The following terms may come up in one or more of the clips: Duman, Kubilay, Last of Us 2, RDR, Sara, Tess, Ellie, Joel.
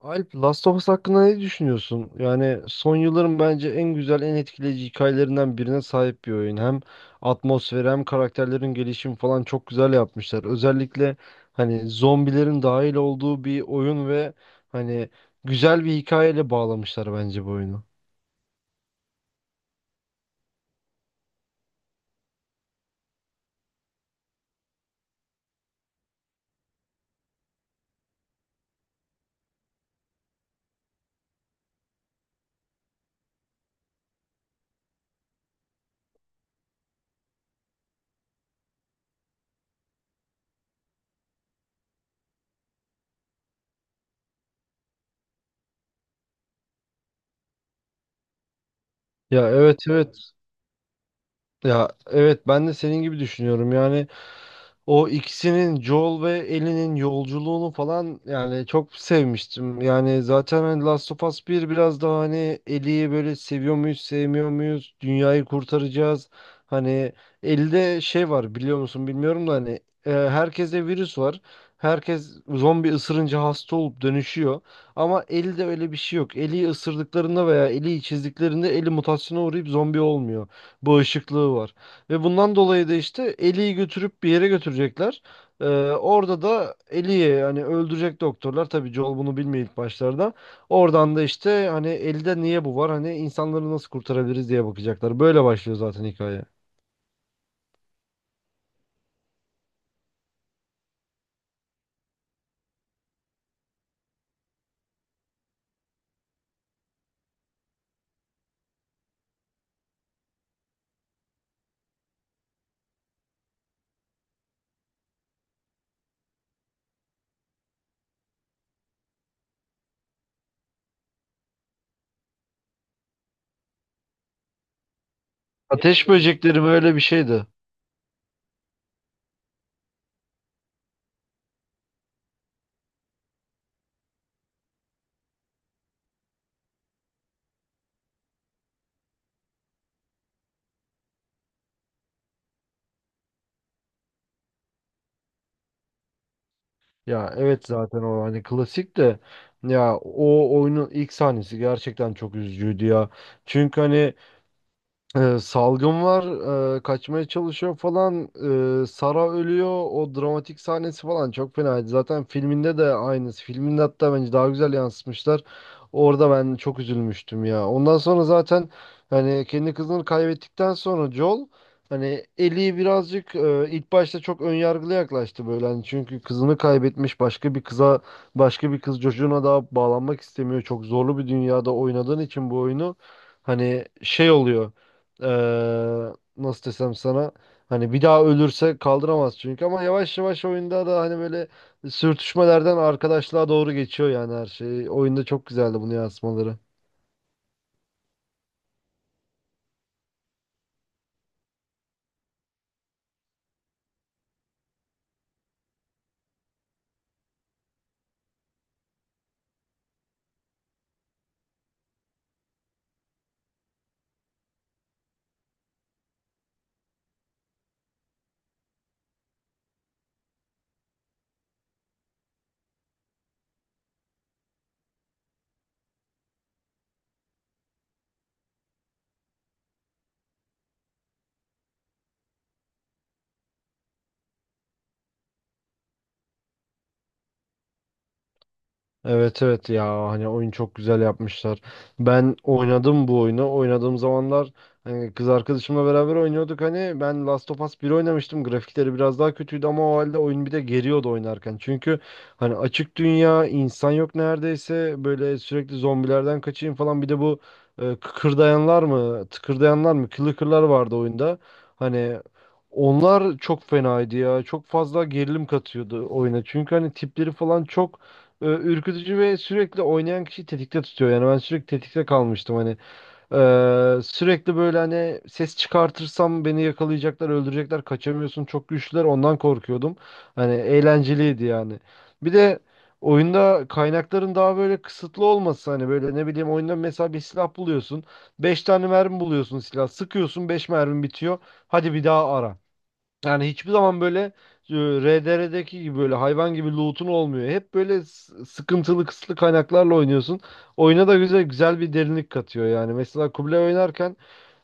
Alp, Last of Us hakkında ne düşünüyorsun? Yani son yılların bence en güzel, en etkileyici hikayelerinden birine sahip bir oyun. Hem atmosferi hem karakterlerin gelişimi falan çok güzel yapmışlar. Özellikle hani zombilerin dahil olduğu bir oyun ve hani güzel bir hikayeyle bağlamışlar bence bu oyunu. Ya, evet, evet. Ya evet, ben de senin gibi düşünüyorum. Yani o ikisinin, Joel ve Ellie'nin yolculuğunu falan yani çok sevmiştim. Yani zaten hani Last of Us bir biraz daha hani Ellie'yi böyle seviyor muyuz, sevmiyor muyuz? Dünyayı kurtaracağız. Hani elde şey var, biliyor musun bilmiyorum da hani herkeste virüs var. Herkes zombi ısırınca hasta olup dönüşüyor. Ama Ellie'de öyle bir şey yok. Ellie'yi ısırdıklarında veya Ellie'yi çizdiklerinde Ellie mutasyona uğrayıp zombi olmuyor, bağışıklığı var. Ve bundan dolayı da işte Ellie'yi götürüp bir yere götürecekler. Ee, orada da Ellie'yi hani öldürecek doktorlar. Tabii Joel bunu bilmiyor ilk başlarda. Oradan da işte hani Ellie'de niye bu var? Hani insanları nasıl kurtarabiliriz diye bakacaklar. Böyle başlıyor zaten hikaye. Ateş böcekleri böyle bir şeydi. Ya evet, zaten o hani klasik de, ya o oyunun ilk sahnesi gerçekten çok üzücüydü ya. Çünkü hani salgın var, kaçmaya çalışıyor falan. Sara ölüyor. O dramatik sahnesi falan çok fenaydı. Zaten filminde de aynısı. Filminde hatta bence daha güzel yansıtmışlar. Orada ben çok üzülmüştüm ya. Ondan sonra zaten hani kendi kızını kaybettikten sonra Joel hani Ellie'yi birazcık ilk başta çok önyargılı yaklaştı böyle. Hani çünkü kızını kaybetmiş, başka bir kıza, başka bir kız çocuğuna daha bağlanmak istemiyor. Çok zorlu bir dünyada oynadığın için bu oyunu, hani şey oluyor, nasıl desem sana, hani bir daha ölürse kaldıramaz çünkü. Ama yavaş yavaş oyunda da hani böyle sürtüşmelerden arkadaşlığa doğru geçiyor yani her şey. Oyunda çok güzeldi bunu yansımaları. Evet, evet, ya hani oyun çok güzel yapmışlar. Ben oynadım bu oyunu. Oynadığım zamanlar hani kız arkadaşımla beraber oynuyorduk, hani ben Last of Us bir oynamıştım. Grafikleri biraz daha kötüydü ama o halde oyun bir de geriyordu oynarken. Çünkü hani açık dünya, insan yok neredeyse. Böyle sürekli zombilerden kaçayım falan. Bir de bu kıkırdayanlar mı, tıkırdayanlar mı, clicker vardı oyunda. Hani onlar çok fenaydı ya. Çok fazla gerilim katıyordu oyuna. Çünkü hani tipleri falan çok ürkütücü ve sürekli oynayan kişiyi tetikte tutuyor. Yani ben sürekli tetikte kalmıştım hani. Sürekli böyle hani ses çıkartırsam beni yakalayacaklar, öldürecekler, kaçamıyorsun. Çok güçlüler. Ondan korkuyordum. Hani eğlenceliydi yani. Bir de oyunda kaynakların daha böyle kısıtlı olması, hani böyle ne bileyim, oyunda mesela bir silah buluyorsun. Beş tane mermi buluyorsun silah. Sıkıyorsun, 5 mermi bitiyor. Hadi bir daha ara. Yani hiçbir zaman böyle RDR'deki gibi böyle hayvan gibi loot'un olmuyor. Hep böyle sıkıntılı, kısıtlı kaynaklarla oynuyorsun. Oyuna da güzel güzel bir derinlik katıyor yani. Mesela Kubilay oynarken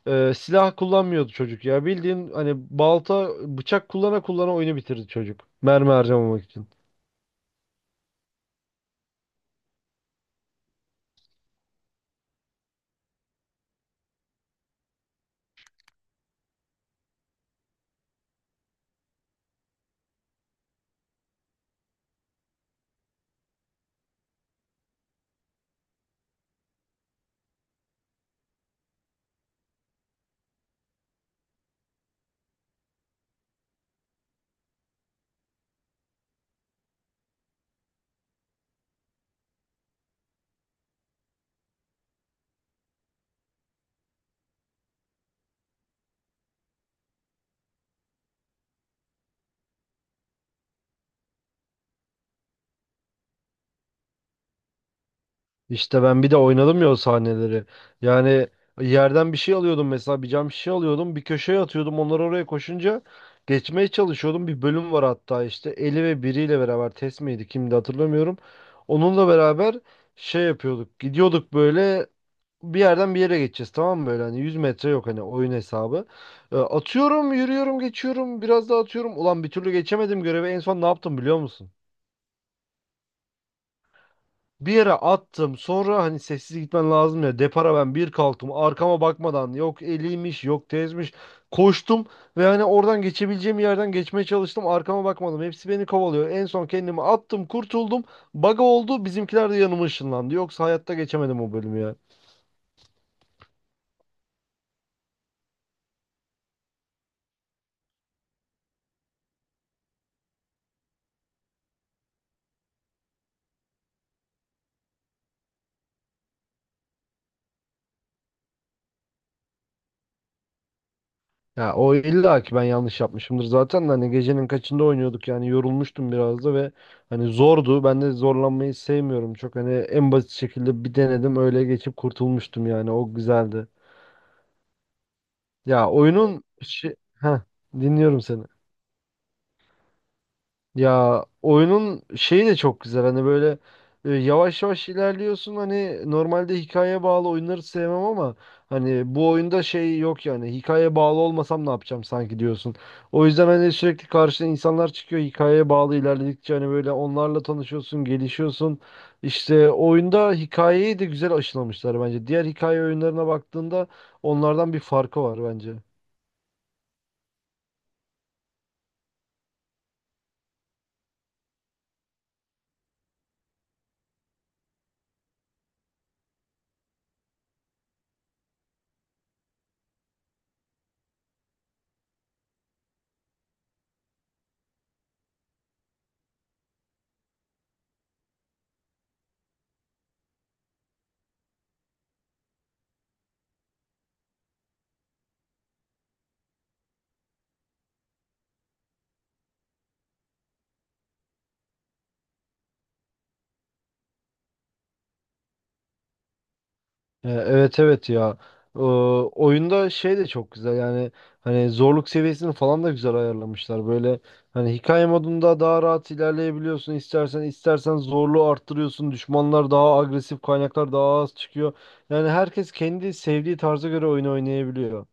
silah kullanmıyordu çocuk ya. Bildiğin hani balta, bıçak kullana kullana oyunu bitirdi çocuk. Mermi harcamamak için. İşte ben bir de oynadım ya o sahneleri. Yani yerden bir şey alıyordum, mesela bir cam şişe alıyordum, bir köşeye atıyordum, onlar oraya koşunca geçmeye çalışıyordum. Bir bölüm var hatta, işte Eli ve biriyle beraber, Tess miydi kimdi hatırlamıyorum. Onunla beraber şey yapıyorduk, gidiyorduk böyle. Bir yerden bir yere geçeceğiz, tamam mı, böyle hani 100 metre yok hani, oyun hesabı. Atıyorum, yürüyorum, geçiyorum, biraz daha atıyorum, ulan bir türlü geçemedim görevi. En son ne yaptım, biliyor musun? Bir yere attım. Sonra hani sessiz gitmen lazım ya. Depara ben bir kalktım. Arkama bakmadan, yok eliymiş, yok tezmiş. Koştum ve hani oradan geçebileceğim yerden geçmeye çalıştım. Arkama bakmadım. Hepsi beni kovalıyor. En son kendimi attım, kurtuldum. Baga oldu. Bizimkiler de yanıma ışınlandı. Yoksa hayatta geçemedim o bölümü ya. Ya o illa ki ben yanlış yapmışımdır zaten de, hani gecenin kaçında oynuyorduk yani, yorulmuştum biraz da. Ve hani zordu, ben de zorlanmayı sevmiyorum çok, hani en basit şekilde bir denedim, öyle geçip kurtulmuştum yani. O güzeldi. Ya oyunun şey... Heh, dinliyorum seni. Ya oyunun şeyi de çok güzel, hani böyle yavaş yavaş ilerliyorsun. Hani normalde hikaye bağlı oyunları sevmem ama hani bu oyunda şey yok yani, hikaye bağlı olmasam ne yapacağım sanki diyorsun. O yüzden hani sürekli karşına insanlar çıkıyor hikayeye bağlı ilerledikçe, hani böyle onlarla tanışıyorsun, gelişiyorsun. İşte oyunda hikayeyi de güzel aşılamışlar bence. Diğer hikaye oyunlarına baktığında onlardan bir farkı var bence. Evet, evet ya. Oyunda şey de çok güzel yani, hani zorluk seviyesini falan da güzel ayarlamışlar. Böyle hani hikaye modunda daha rahat ilerleyebiliyorsun, istersen istersen zorluğu arttırıyorsun. Düşmanlar daha agresif, kaynaklar daha az çıkıyor. Yani herkes kendi sevdiği tarza göre oyunu oynayabiliyor.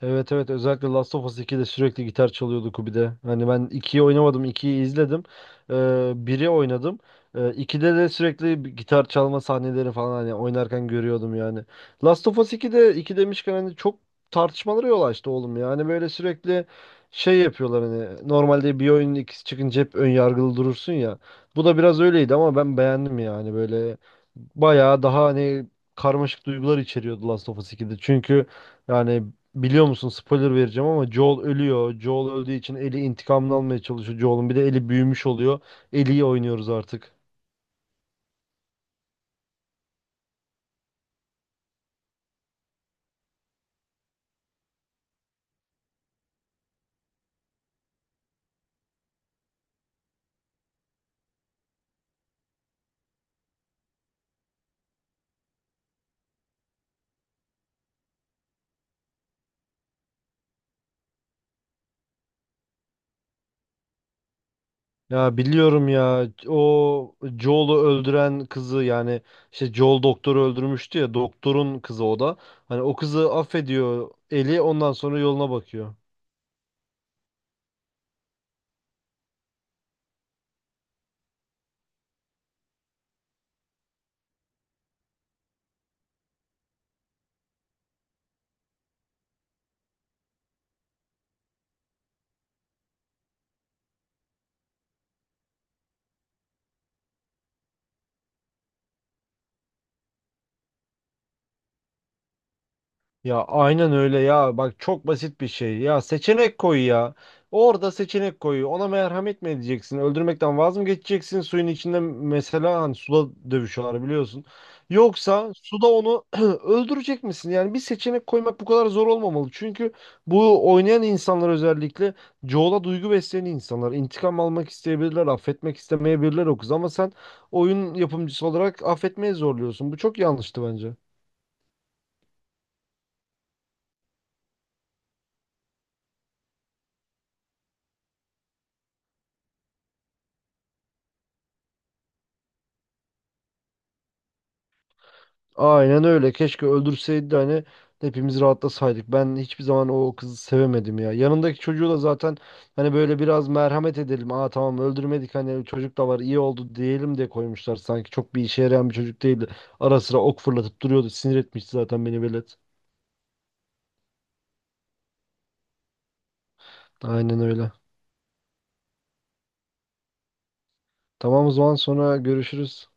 Evet, evet, özellikle Last of Us 2'de sürekli gitar çalıyordu Kubi'de. Hani ben ikiyi oynamadım, ikiyi izledim. Ee, 1'i oynadım. 2'de de sürekli bir gitar çalma sahneleri falan hani oynarken görüyordum yani. Last of Us 2'de, 2 demişken, hani çok tartışmalara yol açtı oğlum ya. Hani böyle sürekli şey yapıyorlar, hani normalde bir oyunun ikisi çıkınca hep ön yargılı durursun ya. Bu da biraz öyleydi ama ben beğendim yani. Böyle bayağı daha hani karmaşık duygular içeriyordu Last of Us 2'de. Çünkü yani, biliyor musun, spoiler vereceğim ama Joel ölüyor. Joel öldüğü için Ellie intikamını almaya çalışıyor Joel'un. Bir de Ellie büyümüş oluyor. Ellie'yi oynuyoruz artık. Ya biliyorum ya, o Joel'u öldüren kızı yani, işte Joel doktoru öldürmüştü ya, doktorun kızı o da. Hani o kızı affediyor Ellie, ondan sonra yoluna bakıyor. Ya aynen öyle ya. Bak, çok basit bir şey. Ya seçenek koy ya. Orada seçenek koy. Ona merhamet mi edeceksin? Öldürmekten vaz mı geçeceksin? Suyun içinde mesela, hani suda dövüşüyorlar, biliyorsun. Yoksa suda onu öldürecek misin? Yani bir seçenek koymak bu kadar zor olmamalı. Çünkü bu oynayan insanlar, özellikle çoğula duygu besleyen insanlar, İntikam almak isteyebilirler, affetmek istemeyebilirler o kız. Ama sen oyun yapımcısı olarak affetmeye zorluyorsun. Bu çok yanlıştı bence. Aynen öyle. Keşke öldürseydi de hani hepimiz rahatlasaydık. Ben hiçbir zaman o kızı sevemedim ya. Yanındaki çocuğu da zaten, hani böyle biraz merhamet edelim, aa tamam öldürmedik, hani çocuk da var, iyi oldu diyelim de koymuşlar. Sanki çok bir işe yarayan bir çocuk değildi. Ara sıra ok fırlatıp duruyordu. Sinir etmişti zaten beni velet. Aynen öyle. Tamam, o zaman sonra görüşürüz.